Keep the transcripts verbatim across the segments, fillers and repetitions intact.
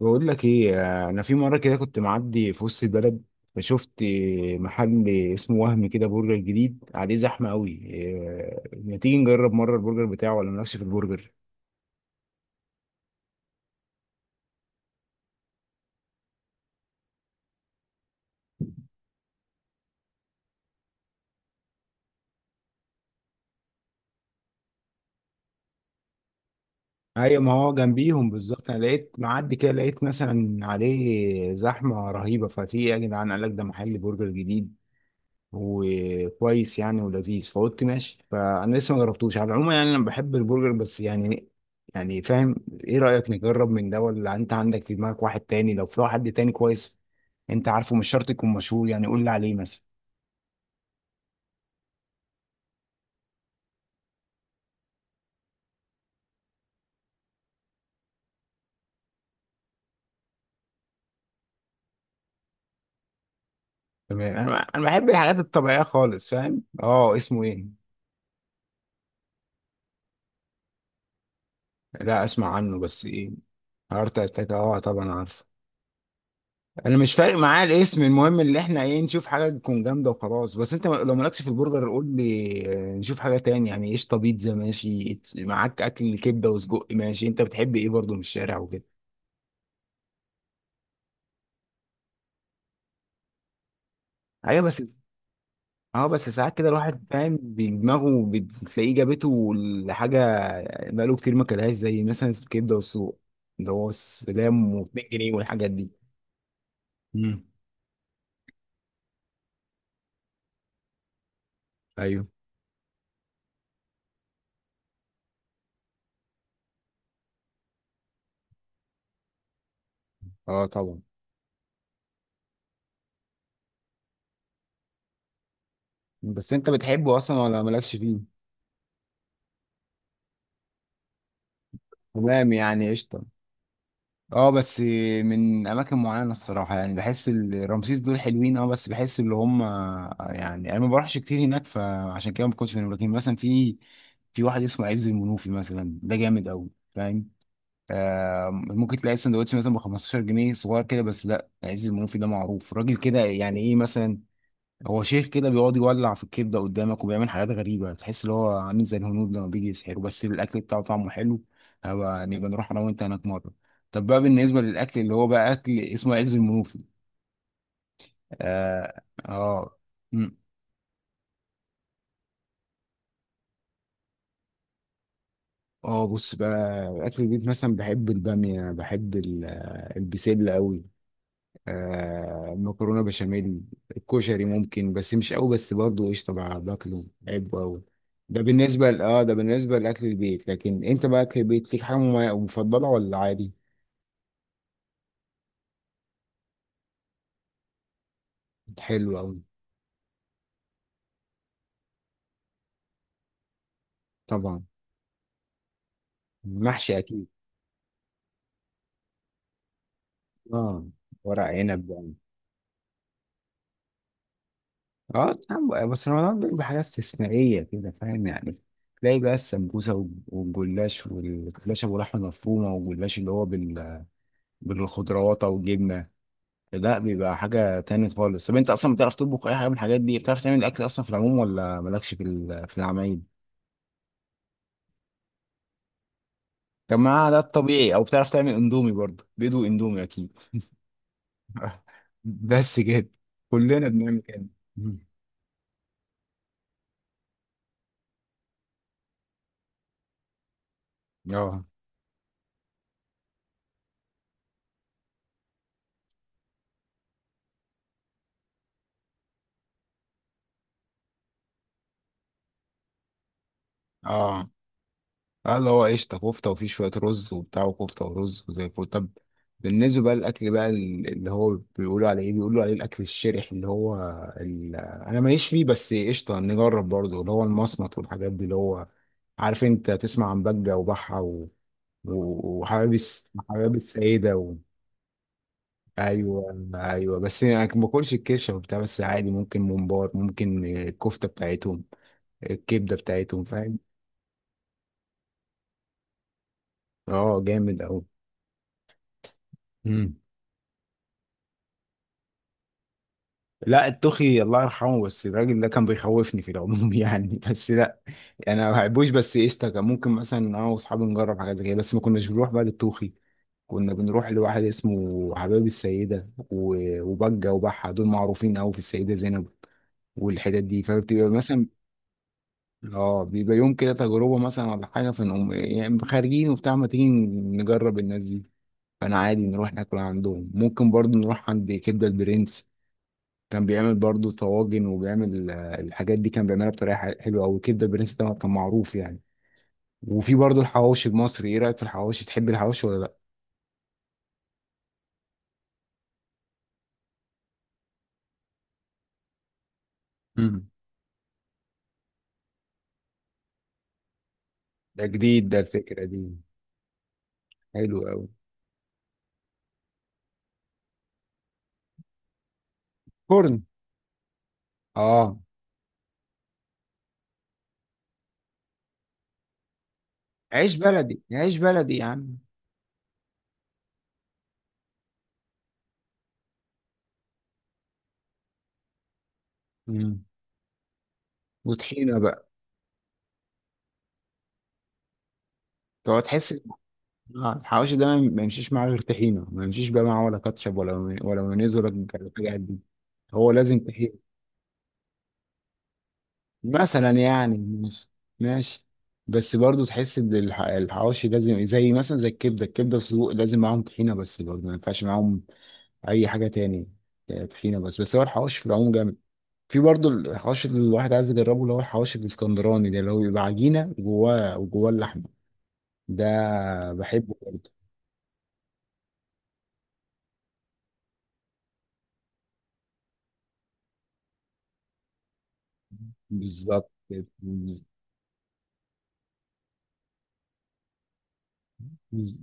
بقول لك ايه. انا في مره كده كنت معدي في وسط البلد، فشفت محل اسمه وهم، كده برجر جديد عليه زحمه قوي. إيه، ما تيجي نجرب مره البرجر بتاعه ولا نمشي في البرجر؟ ايوه، ما هو جنبيهم بالظبط. انا لقيت معدي كده، لقيت مثلا عليه زحمه رهيبه، ففي ايه يا جدعان؟ قال لك ده محل برجر جديد وكويس يعني ولذيذ، فقلت ماشي. فانا لسه ما جربتوش على العموم يعني، انا بحب البرجر بس يعني يعني فاهم. ايه رأيك نجرب من ده، ولا انت عندك في دماغك واحد تاني؟ لو في واحد تاني كويس. انت عارفه، مش شرط يكون مشهور يعني، قول لي عليه مثلا. تمام. انا انا بحب الحاجات الطبيعية خالص، فاهم؟ اه، اسمه ايه؟ لا، اسمع عنه، بس ايه؟ هارت اتاك، اه طبعا عارف. انا مش فارق معايا الاسم، المهم اللي احنا ايه، نشوف حاجه تكون جامده وخلاص. بس انت لو مالكش في البرجر قول لي. آه، نشوف حاجه تاني يعني. قشطه. بيتزا ماشي معاك؟ اكل كبده وسجق ماشي؟ انت بتحب ايه برضه من الشارع وكده؟ ايوه بس. اه بس ساعات كده الواحد فاهم بدماغه، بتلاقيه جابته لحاجه بقاله كتير ما كلهاش، زي مثلا الكبده والسجق اللي هو السلام واتنين جنيه والحاجات دي. امم ايوه، اه طبعا. بس انت بتحبه اصلا ولا مالكش فيه؟ تمام يعني، قشطه. اه بس من اماكن معينه الصراحه يعني، بحس ال- رمسيس دول حلوين. اه بس بحس اللي هم، يعني انا ما بروحش كتير هناك فعشان كده ما كنتش من، لكن مثلا في في واحد اسمه عز المنوفي مثلا، ده جامد قوي، فاهم؟ آه، ممكن تلاقي سندوتش مثلا ب خمستاشر جنيه صغير كده، بس لا، عز المنوفي ده معروف، راجل كده يعني ايه مثلا. هو شيخ كده بيقعد يولع في الكبده قدامك، وبيعمل حاجات غريبه، تحس اللي هو عامل زي الهنود لما بيجي يسحروا، بس الاكل بتاعه طعمه حلو. هبقى نبقى نروح انا وانت هناك مره. طب بقى بالنسبه للاكل اللي هو بقى اكل اسمه عز المنوفي. اه، اه، مم. اه بص بقى، اكل البيت مثلا، بحب الباميه، بحب ال- آه، البسله قوي. آه، مكرونه بشاميل. الكشري ممكن بس مش قوي، بس برضه قشطه بقى باكله، بحبه قوي. ده بالنسبه ل- اه ده بالنسبه لاكل البيت، لكن انت بقى اكل البيت ليك حاجه مم- مفضله ولا عادي؟ حلو قوي. طبعا. محشي اكيد. اه، ورق عنب بقى. اه طبعاً، بس رمضان بيبقى حاجات استثنائيه كده، فاهم يعني. تلاقي بقى السمبوسه والج- والجلاش، والجلاش ابو لحمه مفرومه، والجلاش اللي هو بال بالخضروات او الجبنه. لا، بيبقى حاجة تاني خالص. طب انت اصلا بتعرف تطبخ اي حاجة من الحاجات دي؟ بتعرف تعمل الاكل اصلا في العموم ولا مالكش في ال- في العمايل؟ طب ما ده الطبيعي، او بتعرف تعمل اندومي برضه، بيض واندومي اكيد. بس كده، كلنا بنعمل كده. مم. اه، اه، اه، اللي هو قشطة كفتة وفيه شوية رز وبتاع، وكفتة ورز، وزي الفل. طب بالنسبة بقى للأكل بقى ال- اللي هو بيقولوا عليه إيه، بيقولوا عليه الأكل الشرح، اللي هو ال... أنا ماليش فيه بس قشطة نجرب برضه اللي هو المصمت والحاجات دي، اللي هو عارف أنت تسمع عن بجة وبحة و... و- وحوابس، حوابس سيدة و... أيوه، أيوه، بس أنا ما باكلش الكرشة وبتاع، بس عادي، ممكن ممبار، ممكن الكفتة بتاعتهم، الكبدة بتاعتهم، فاهم؟ أه، جامد أوي. لا، التوخي الله يرحمه، بس الراجل ده كان بيخوفني في العموم يعني، بس لا. يعني انا ما بحبوش، بس قشطه كان ممكن مثلا انا واصحابي نجرب حاجات زي كده، بس ما كناش بنروح بقى للتوخي. كنا بنروح لواحد اسمه حباب السيده و- وبجه وبحه، دول معروفين قوي في السيده زينب والحتت دي، فبتبقى مثلا. اه بيبقى يوم كده تجربه مثلا ولا حاجه، فنقوم يعني خارجين وبتاع، ما تيجي نجرب الناس دي. فانا عادي نروح ناكل عندهم، ممكن برضو نروح عند كبده البرنس. كان بيعمل برضو طواجن، وبيعمل آه، الحاجات دي، كان بيعملها بطريقه ح- حلوه قوي، الكبده البرنس ده كان معروف يعني. وفي برضو الحواوشي المصري، ايه رايك في الحواوشي، تحب الحواوشي ولا لا؟ مم. ده جديد، ده الفكره دي. حلو قوي. فرن. اه، عيش بلدي عيش بلدي يا عم. مم. وطحينه بقى. تقعد تحس. آه، الحواوشي ده ما ما يمشيش معاه غير طحينه، ما يمشيش بقى معاه ولا كاتشب ولا ولا مايونيز ولا الحاجات دي، هو لازم. مثلا يعني ماشي. ماشي بس برضو تحس ان الح- الحواوشي لازم زي مثلا زي الكبده، الكبده السجق لازم معاهم طحينه، بس برضو ما ينفعش معاهم اي حاجه تاني. آه، طحينه بس بس هو الحواوشي في العموم جامد. في برضو الحواوشي اللي الواحد عايز يجربه، اللي هو الحواوشي الاسكندراني ده، اللي هو بيبقى عجينه وجواه وجواه اللحمه، ده بحبه برضو. بالظبط كده. بز- بز-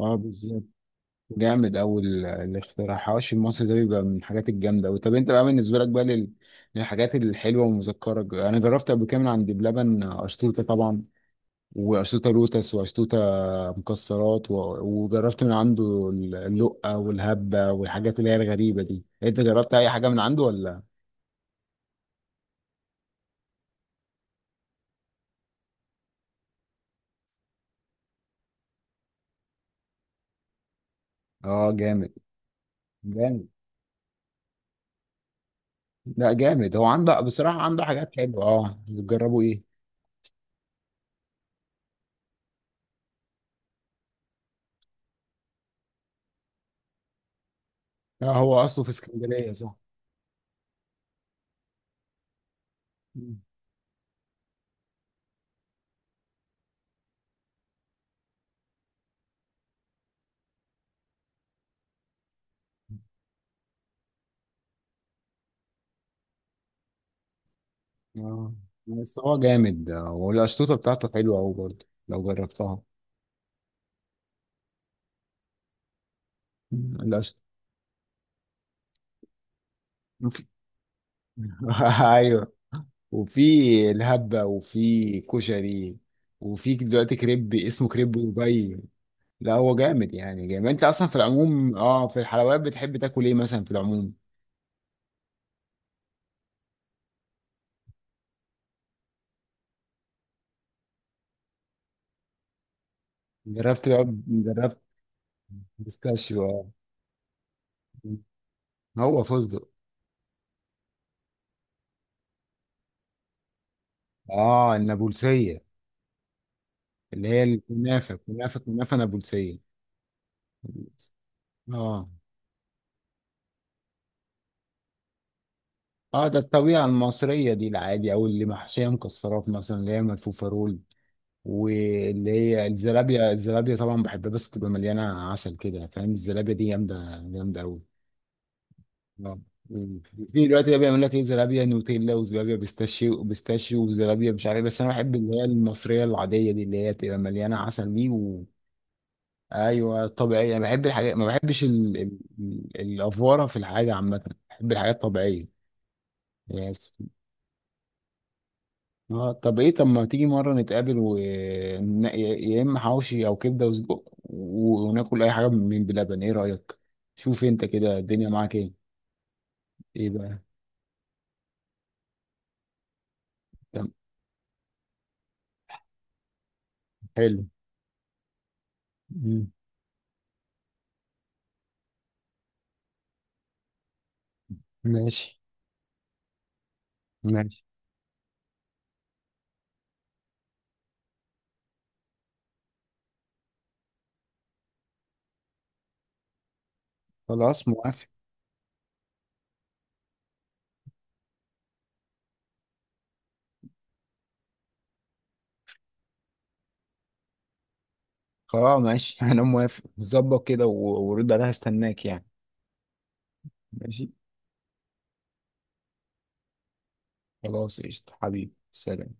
اه بالظبط. جامد أوي، ال- الاختراع حواشي المصري ده بيبقى من الحاجات الجامدة أوي. طب أنت بقى بالنسبة لك بقى لل... للحاجات الحلوة، ومذكرك أنا جربت قبل كده من عند بلبن أشطوطة طبعا، وأشطوطة لوتس، وأشطوطة مكسرات و... وجربت من عنده ال- اللقة والهبة والحاجات اللي هي الغريبة دي. أنت جربت أي حاجة من عنده ولا؟ أه جامد. جامد. لا جامد، هو عنده بصراحة عنده حاجات حلوة. أه، بتجربوا إيه؟ لا، هو أصله في اسكندرية صح؟ اه بس هو جامد، والقشطوطة بتاعته حلوة أوي برضه لو جربتها. القشطة. أيوه. وفي الهبة، وفي كشري، وفي دلوقتي كريب اسمه كريب دبي. لا، هو جامد يعني جامد. أنت أصلا في العموم اه، في الحلويات بتحب تاكل إيه مثلا في العموم؟ جربت. جربت بيستاشيو. اه، هو فستق. اه، النابلسية، اللي هي الكنافة، كنافة كنافة نابلسية. اه، اه، ده الطبيعة المصرية دي العادي، او اللي محشية مكسرات مثلا، اللي هي ملفوفة رول. واللي هي الزلابية، الزلابية طبعا بحبها، بس تبقى مليانة عسل كده فاهم، الزلابية دي جامدة، جامدة أوي. آه. في دلوقتي بقى بيعمل لك ايه، زلابية نوتيلا وزلابية بيستاشيو، وبيستاشيو وزلابية مش عارف إيه، بس انا بحب اللي هي المصرية العادية دي، اللي هي تبقى مليانة عسل دي و... ايوه طبيعية، انا بحب الحاجات، ما بحبش ال... ال... ال- الافوارة في الحاجة عامة، بحب الحاجات الطبيعية يعني. اه، طب ايه، طب ما تيجي مرة نتقابل و ن- يا يا اما حواوشي او كبدة وسجق، و- وناكل اي حاجة من بلبن، ايه رأيك؟ شوف انت كده الدنيا معاك ايه. ايه بقى؟ تم- حلو. مم. ماشي. ماشي، خلاص موافق. خلاص ماشي انا موافق، ظبط كده و- ورد عليها استناك يعني. ماشي. خلاص، قشطة حبيبي، سلام.